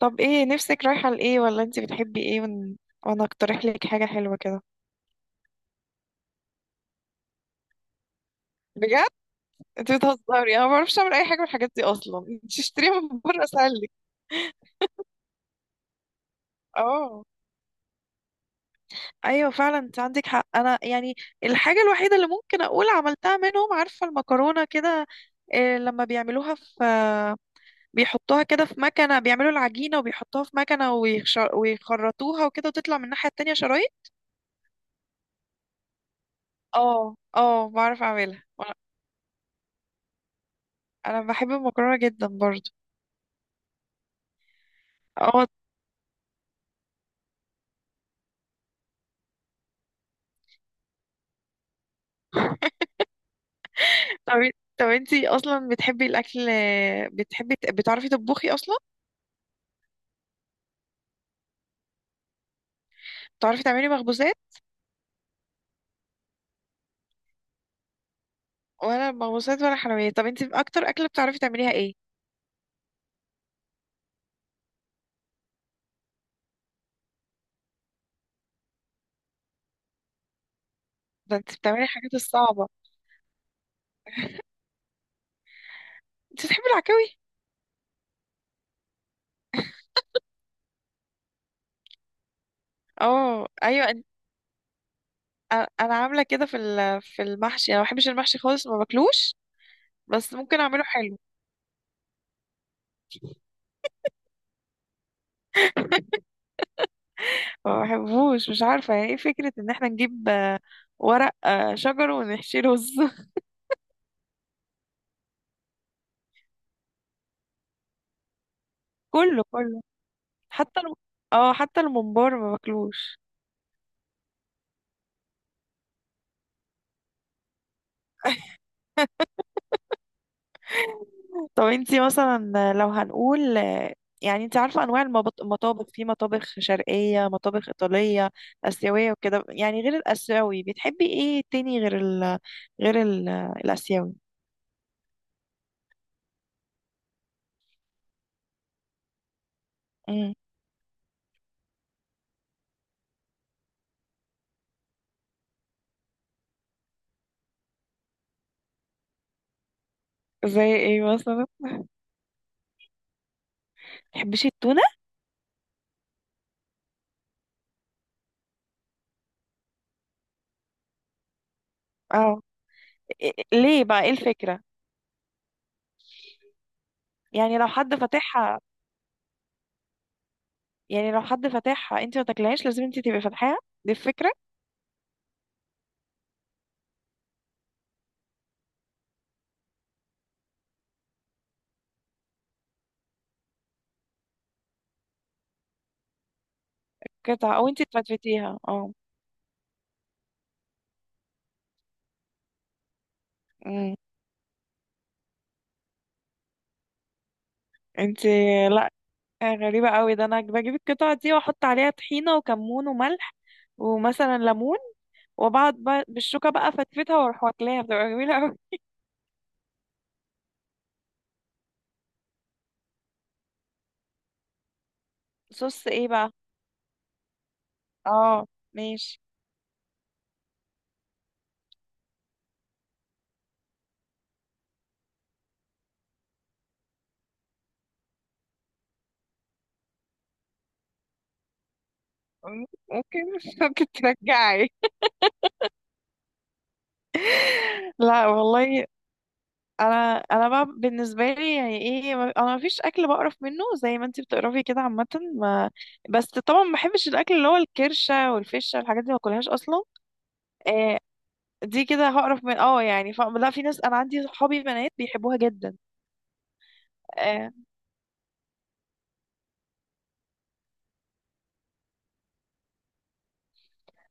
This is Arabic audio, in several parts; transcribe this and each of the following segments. طب، ايه نفسك رايحة لإيه؟ ولا انت بتحبي ايه؟ وانا اقترح لك حاجة حلوة كده. بجد؟ انت بتهزري. انا ما بعرفش اعمل اي حاجة من الحاجات دي اصلا. انت اشتريها من بره اسهل لك. اه، ايوه، فعلا انت عندك حق. انا يعني الحاجة الوحيدة اللي ممكن اقول عملتها منهم، عارفة المكرونة كده؟ إيه لما بيعملوها في، بيحطوها كده في مكنة، بيعملوا العجينة وبيحطوها في مكنة ويخرطوها وكده، وتطلع من الناحية التانية شرايط. اه، اه بعرف اعملها انا بحب المكرونة جدا برضو. اه. طب طب، انتي اصلا بتحبي الاكل؟ بتعرفي تطبخي اصلا؟ بتعرفي تعملي مخبوزات؟ ولا مخبوزات ولا حلويات؟ طب انتي اكتر اكله بتعرفي تعمليها ايه؟ ده انتي بتعملي الحاجات الصعبه. انتي بتحبي العكاوي؟ اه، ايوه. انا عامله كده في في المحشي، انا ما بحبش المحشي خالص، ما باكلوش، بس ممكن اعمله حلو. ما بحبوش، مش عارفه يعني ايه فكره ان احنا نجيب ورق شجر ونحشي رز. كله، كله، حتى الم... اه حتى الممبار ما باكلوش. طب انتي مثلا لو هنقول، يعني انتي عارفة انواع المطابخ، في مطابخ شرقية، مطابخ ايطالية، اسيوية، وكده، يعني غير الاسيوي بتحبي ايه تاني؟ غير ال غير ال الاسيوي. امم زي ايه مثلا؟ بتحبيش التونة؟ اه. ليه بقى، ايه الفكرة؟ يعني لو حد فاتحها يعني لو حد فاتحها انتي ما تاكلهاش، لازم انتي تبقي فاتحاها، دي الفكرة؟ قطعة، او انتي تفتفتيها؟ اه. امم انتي. لا، غريبة قوي. ده انا بجيب القطعة دي واحط عليها طحينة وكمون وملح ومثلا ليمون، وبعد بقى بالشوكة بقى فتفتها واروح واكلاها، بتبقى جميلة قوي. صوص ايه بقى؟ اه، ماشي. مم، ممكن ممكن ترجعي. لا والله. انا بقى بالنسبة لي يعني ايه، انا مفيش اكل بقرف منه زي ما انتي بتقرفي كده عامة. ما بس طبعا ما بحبش الاكل اللي هو الكرشة والفشة، الحاجات دي ما باكلهاش اصلا. آه، دي كده هقرف من، يعني لا، في ناس، انا عندي صحابي بنات بيحبوها جدا. آه.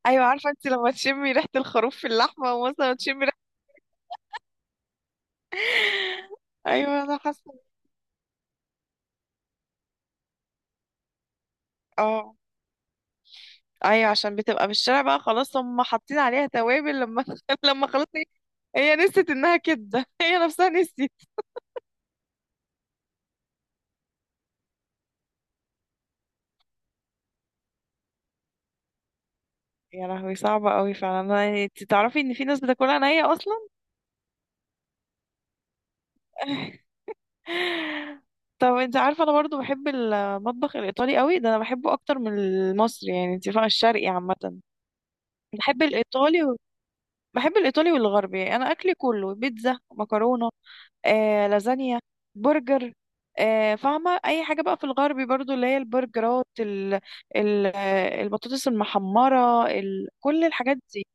ايوه، عارفه انت لما تشمي ريحه الخروف في اللحمه ومثلا تشمي ريحه؟ ايوه، انا حاسه. اه، ايوه، عشان بتبقى في الشارع بقى خلاص، هم حاطين عليها توابل لما لما خلاص هي نسيت انها كده. هي نفسها نسيت. يا لهوي، صعبه قوي فعلا. يعني انت تعرفي ان في ناس بتاكلها نيه اصلا؟ طب، انت عارفه انا برضو بحب المطبخ الايطالي قوي، ده انا بحبه اكتر من المصري، يعني انت فاهمه، الشرقي عامه. بحب الايطالي و... بحب الايطالي والغربي. انا اكلي كله بيتزا، مكرونه، لازانيا، برجر، فاهمه اي حاجه بقى في الغربي، برضو اللي هي البرجرات ال... ال... آه، البطاطس المحمره كل الحاجات دي.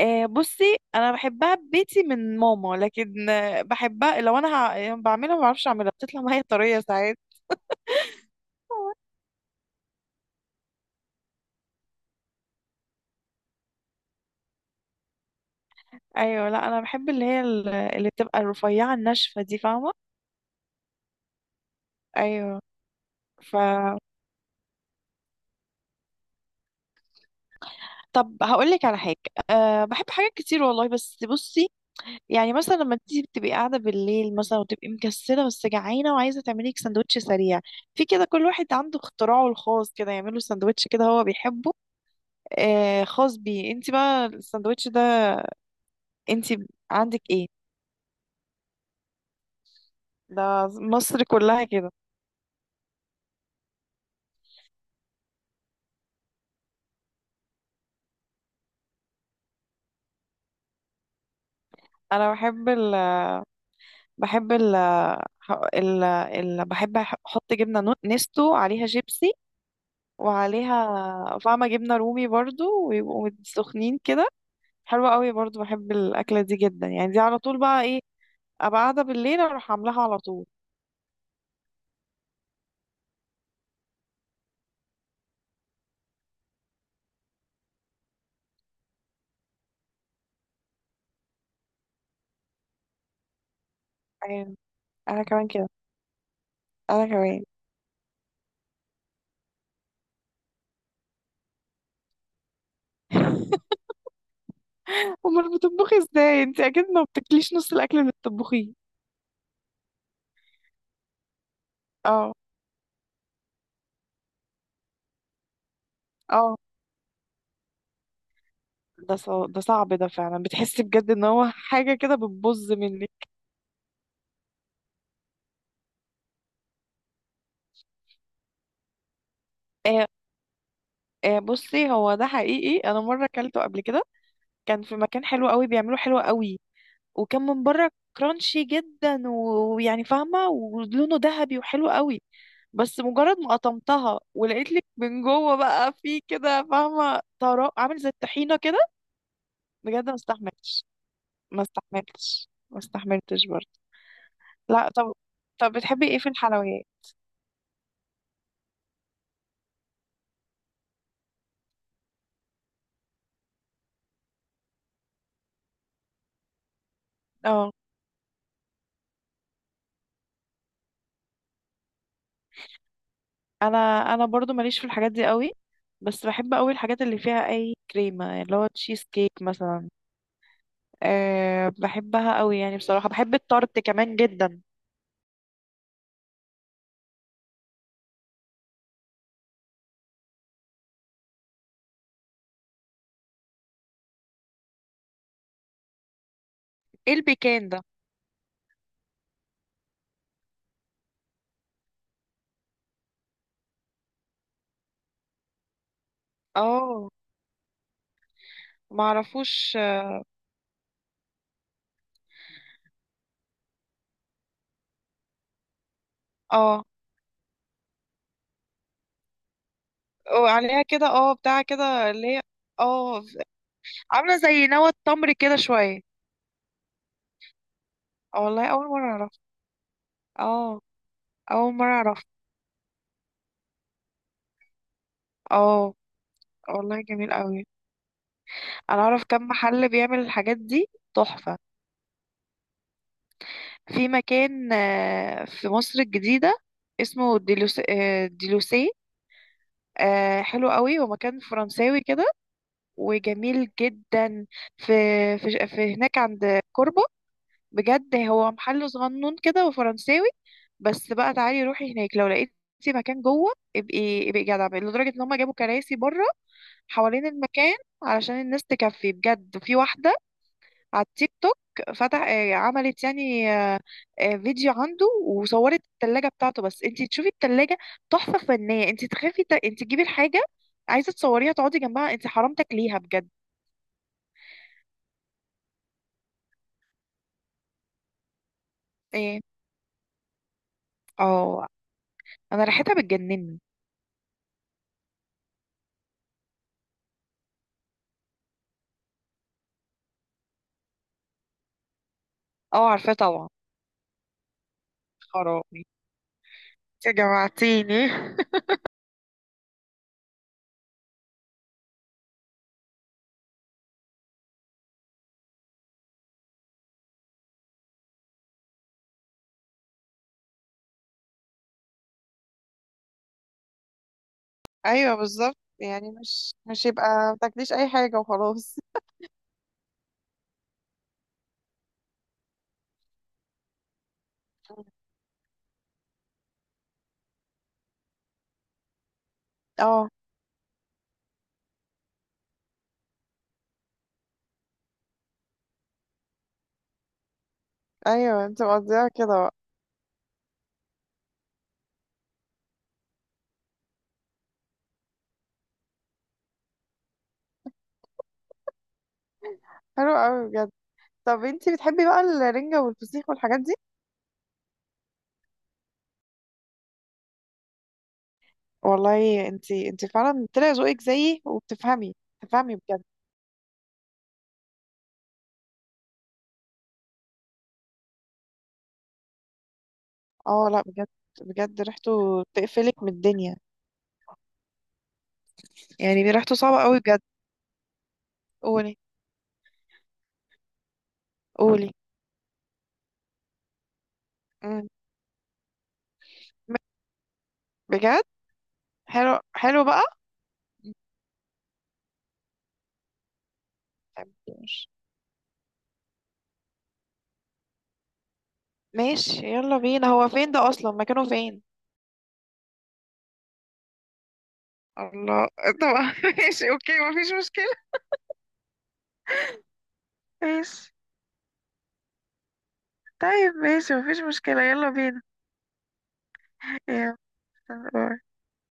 بصي انا بحبها ببيتي من ماما، لكن بحبها لو انا يعني بعملها، ما بعرفش اعملها، بتطلع معايا طريه ساعات. ايوه، لا، انا بحب اللي هي اللي بتبقى الرفيعه الناشفه دي، فاهمه؟ ايوه. ف طب هقول لك على حاجة. أه، بحب حاجات كتير والله، بس بصي، يعني مثلا لما انتي بتبقي قاعدة بالليل مثلا وتبقي مكسلة بس جعانة وعايزة تعملي لك سندوتش سريع، في كده كل واحد عنده اختراعه الخاص كده، يعمله سندوتش كده هو بيحبه، أه، خاص بيه. انتي بقى السندوتش ده، انتي عندك ايه؟ ده مصر كلها كده. انا بحب ال بحب ال ال, ال... بحب احط جبنة نستو عليها شيبسي، وعليها، فاهمة، جبنة رومي برضو، ويبقوا سخنين كده. حلوة قوي برضو، بحب الأكلة دي جدا، يعني دي على طول بقى، ايه، أبقى قاعدة بالليل أروح عاملاها على طول. أيوة. أنا كمان كده. أنا كمان. أمال بتطبخي ازاي انت؟ أكيد ما بتاكليش نص الأكل اللي بتطبخيه. اه، اه. ده صعب ده فعلا، بتحسي بجد ان هو حاجة كده بتبظ منك. آه، آه، بصي، هو ده حقيقي، أنا مرة أكلته قبل كده. كان في مكان حلو قوي، بيعملوا حلو قوي، وكان من بره كرانشي جدا ويعني فاهمة، ولونه ذهبي وحلو قوي، بس مجرد ما قطمتها ولقيت لك من جوه بقى في كده، فاهمة، طراء عامل زي الطحينة كده. بجد، ما استحملتش، برضه. لا. طب، بتحبي ايه في الحلويات؟ اه. انا انا برضو ماليش في الحاجات دي قوي، بس بحب قوي الحاجات اللي فيها اي كريمة، اللي هو تشيز كيك مثلا. أه، بحبها قوي، يعني بصراحة بحب التارت كمان جدا. ايه البيكان ده؟ اه، معرفوش. اه، وعليها كده، اه، بتاع كده، اللي هي. اه، عاملة زي نوى التمر كده شوية. اه والله، أول مرة أعرف. اه، أول مرة أعرف. اه والله، جميل قوي. أنا أعرف كم محل بيعمل الحاجات دي، تحفة. في مكان، في مصر الجديدة، اسمه ديلوسي. حلو قوي، هو مكان فرنساوي كده، وجميل جدا. في في هناك عند كوربة. بجد، هو محل صغنون كده وفرنساوي. بس بقى تعالي روحي هناك، لو لقيتي مكان جوه ابقي، ابقي جدع بقى، لدرجة ان هم جابوا كراسي بره حوالين المكان علشان الناس تكفي. بجد، في واحدة على التيك توك فتح آه، عملت، يعني، فيديو عنده، وصورت التلاجة بتاعته. بس انتي تشوفي التلاجة تحفة فنية، انتي تخافي انتي تجيبي الحاجة عايزة تصوريها تقعدي جنبها، انتي حرام تاكليها بجد. ايه؟ اه، انا ريحتها بتجنني. اه، عارفاه طبعا. خراب. انت جوعتيني. ايوه، بالظبط، يعني، مش يبقى ما تاكليش اي حاجه وخلاص. اه، ايوه، انت مقضيها كده بقى. حلو قوي بجد. طب انت بتحبي بقى الرنجه والفسيخ والحاجات دي؟ والله انت فعلا طلع ذوقك زيي وبتفهمي. بتفهمي بجد. اه، لا بجد. بجد ريحته تقفلك من الدنيا. يعني ريحته صعبه قوي بجد. قولي. قولي. مم. بجد؟ حلو، حلو بقى. مم، ماشي، يلا بينا. هو فين ده اصلا، مكانه فين؟ الله. طبعا. ماشي، اوكي، مفيش مشكلة. ماشي. طيب، ماشي، مفيش مشكلة، يلا بينا. يلا.